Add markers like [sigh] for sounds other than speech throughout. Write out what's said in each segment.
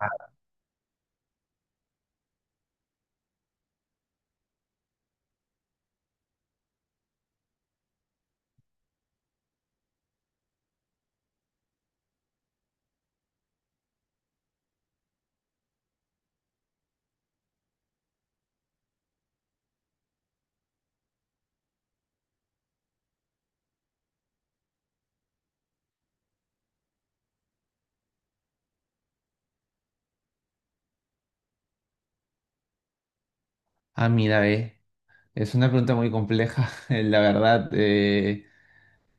Ah, mira, ve. Es una pregunta muy compleja, [laughs] la verdad.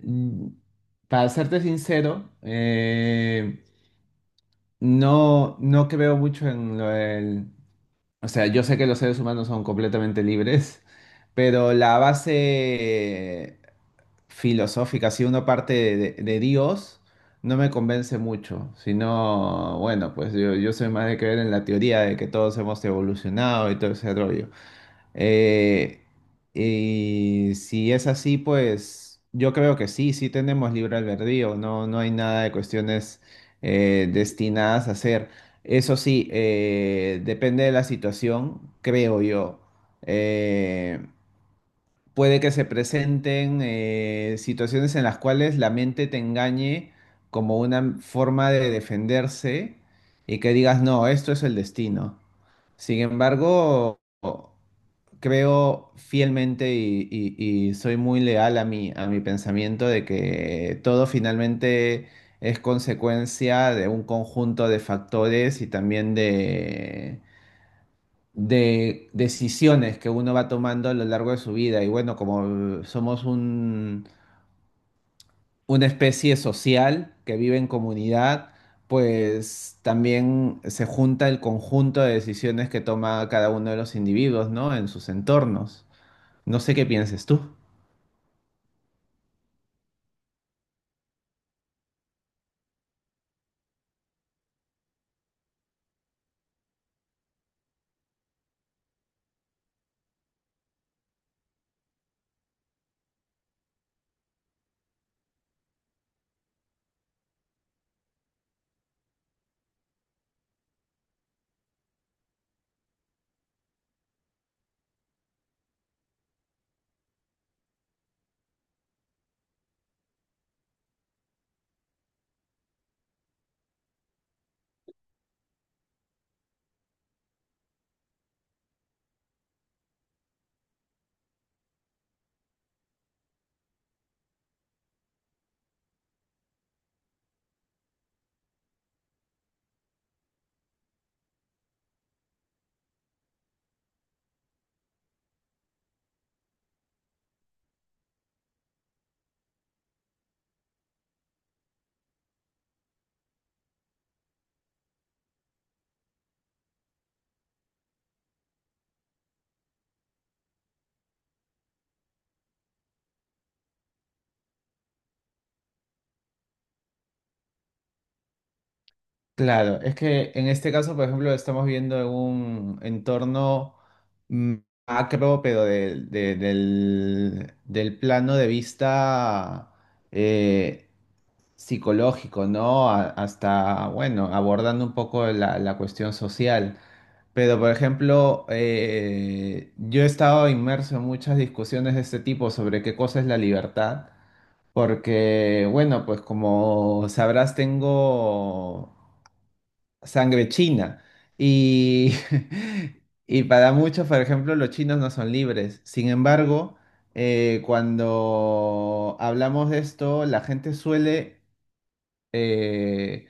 mm, para serte sincero, no creo mucho en lo del... O sea, yo sé que los seres humanos son completamente libres, [laughs] pero la base filosófica, si uno parte de, Dios, no me convence mucho, sino, bueno, pues yo soy más de creer en la teoría de que todos hemos evolucionado y todo ese rollo. Eh, y si es así, pues yo creo que sí, sí tenemos libre albedrío, no, no hay nada de cuestiones destinadas a ser. Eso sí, depende de la situación, creo yo. Eh, Puede que se presenten situaciones en las cuales la mente te engañe como una forma de defenderse y que digas, no, esto es el destino. Sin embargo creo fielmente y soy muy leal a mi pensamiento de que todo finalmente es consecuencia de un conjunto de factores y también de decisiones que uno va tomando a lo largo de su vida. Y bueno, como somos una especie social que vive en comunidad, pues también se junta el conjunto de decisiones que toma cada uno de los individuos, ¿no? En sus entornos. No sé qué pienses tú. Claro, es que en este caso, por ejemplo, estamos viendo un entorno mm, macro, pero del plano de vista eh, psicológico, ¿no? Hasta, bueno, abordando un poco la, la cuestión social. Pero, por ejemplo, yo he estado inmerso en muchas discusiones de este tipo sobre qué cosa es la libertad, porque, bueno, pues como sabrás, tengo sangre china. Y, [laughs] y para muchos, por ejemplo, los chinos no son libres. Sin embargo, cuando hablamos de esto, la gente suele, eh,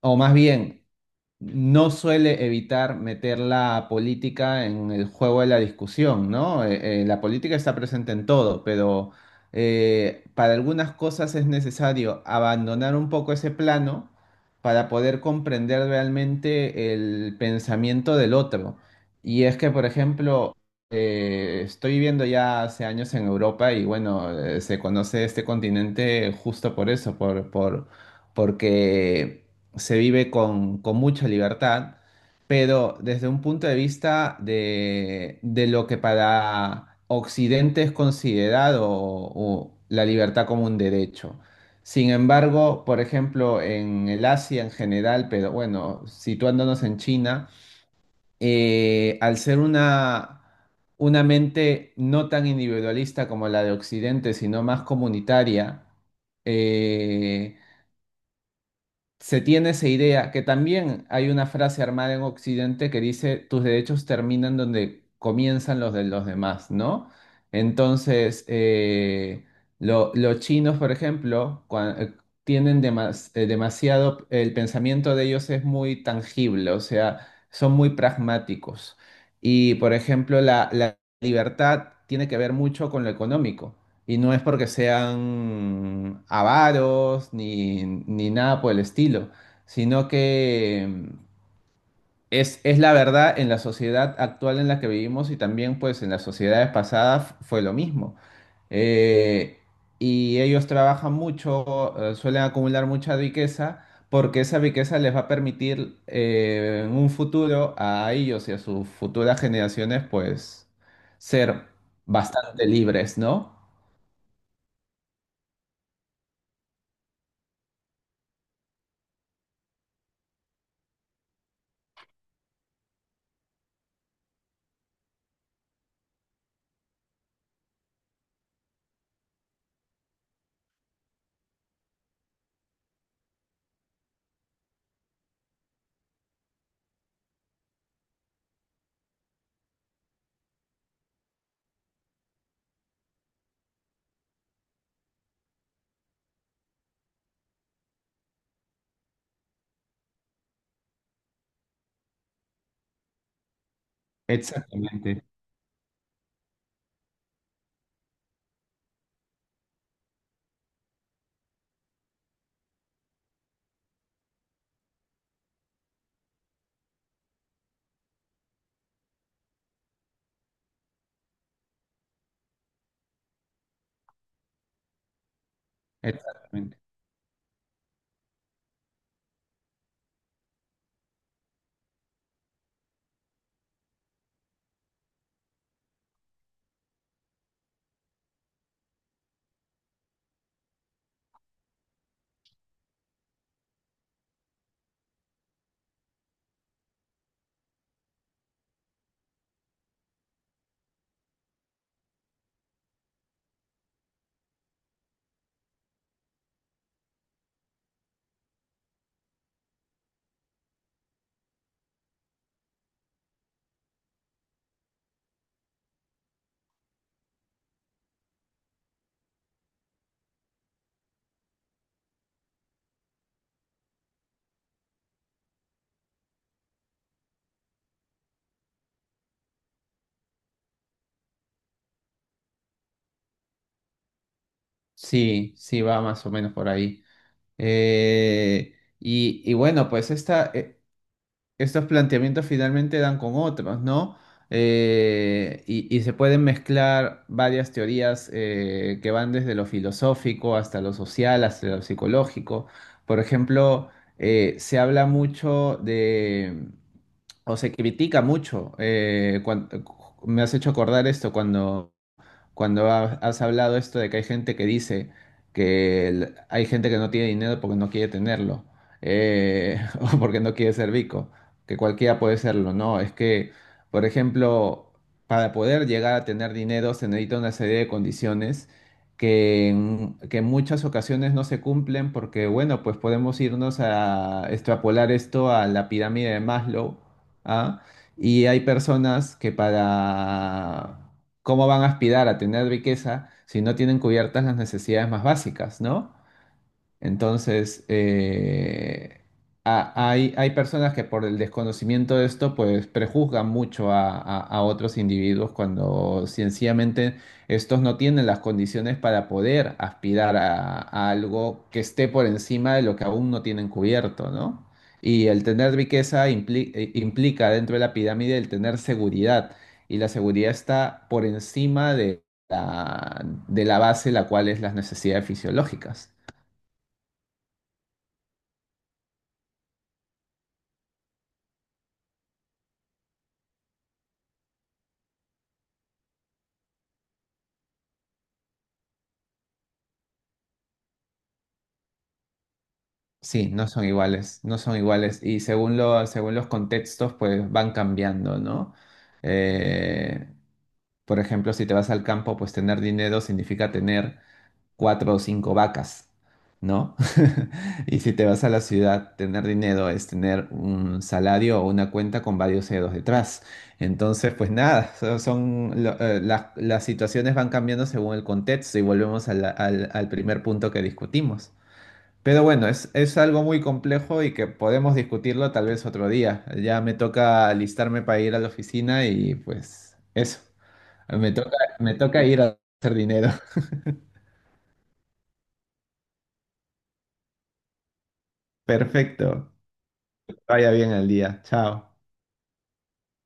o más bien, no suele evitar meter la política en el juego de la discusión, ¿no? La política está presente en todo, pero para algunas cosas es necesario abandonar un poco ese plano para poder comprender realmente el pensamiento del otro. Y es que, por ejemplo, estoy viviendo ya hace años en Europa y bueno, se conoce este continente justo por eso, porque se vive con mucha libertad, pero desde un punto de vista de lo que para Occidente es considerado la libertad como un derecho. Sin embargo, por ejemplo, en el Asia en general, pero bueno, situándonos en China, al ser una mente no tan individualista como la de Occidente, sino más comunitaria, eh, se tiene esa idea, que también hay una frase armada en Occidente que dice, tus derechos terminan donde comienzan los de los demás, ¿no? Entonces, los chinos, por ejemplo, tienen demasiado, el pensamiento de ellos es muy tangible, o sea, son muy pragmáticos. Y, por ejemplo, la libertad tiene que ver mucho con lo económico. Y no es porque sean avaros ni nada por el estilo, sino que es la verdad en la sociedad actual en la que vivimos y también pues en las sociedades pasadas fue lo mismo. Eh, y ellos trabajan mucho, suelen acumular mucha riqueza porque esa riqueza les va a permitir en un futuro a ellos y a sus futuras generaciones pues ser bastante libres, ¿no? Exactamente. Exactamente. Sí, sí, va más o menos por ahí. Y bueno, pues esta, estos planteamientos finalmente dan con otros, ¿no? Y se pueden mezclar varias teorías que van desde lo filosófico hasta lo social, hasta lo psicológico. Por ejemplo, se habla mucho de, o se critica mucho, me has hecho acordar esto cuando... cuando has hablado esto de que hay gente que dice que hay gente que no tiene dinero porque no quiere tenerlo, [laughs] o porque no quiere ser rico, que cualquiera puede serlo, no, es que, por ejemplo, para poder llegar a tener dinero se necesita una serie de condiciones que en muchas ocasiones no se cumplen porque, bueno, pues podemos irnos a extrapolar esto a la pirámide de Maslow, ¿ah? Y hay personas que para ¿cómo van a aspirar a tener riqueza si no tienen cubiertas las necesidades más básicas, ¿no? Entonces, hay personas que por el desconocimiento de esto, pues prejuzgan mucho a, a otros individuos cuando sencillamente estos no tienen las condiciones para poder aspirar a algo que esté por encima de lo que aún no tienen cubierto, ¿no? Y el tener riqueza implica dentro de la pirámide el tener seguridad, y la seguridad está por encima la, de la base, la cual es las necesidades fisiológicas. Sí, no son iguales, no son iguales. Y según lo, según los contextos, pues van cambiando, ¿no? Eh, por ejemplo, si te vas al campo, pues tener dinero significa tener cuatro o cinco vacas, ¿no? [laughs] Y si te vas a la ciudad, tener dinero es tener un salario o una cuenta con varios ceros detrás. Entonces, pues nada, las situaciones van cambiando según el contexto y volvemos a al primer punto que discutimos. Pero bueno, es algo muy complejo y que podemos discutirlo tal vez otro día. Ya me toca alistarme para ir a la oficina y pues eso. Me toca, me toca ir a hacer dinero. [laughs] Perfecto. Vaya bien el día. Chao.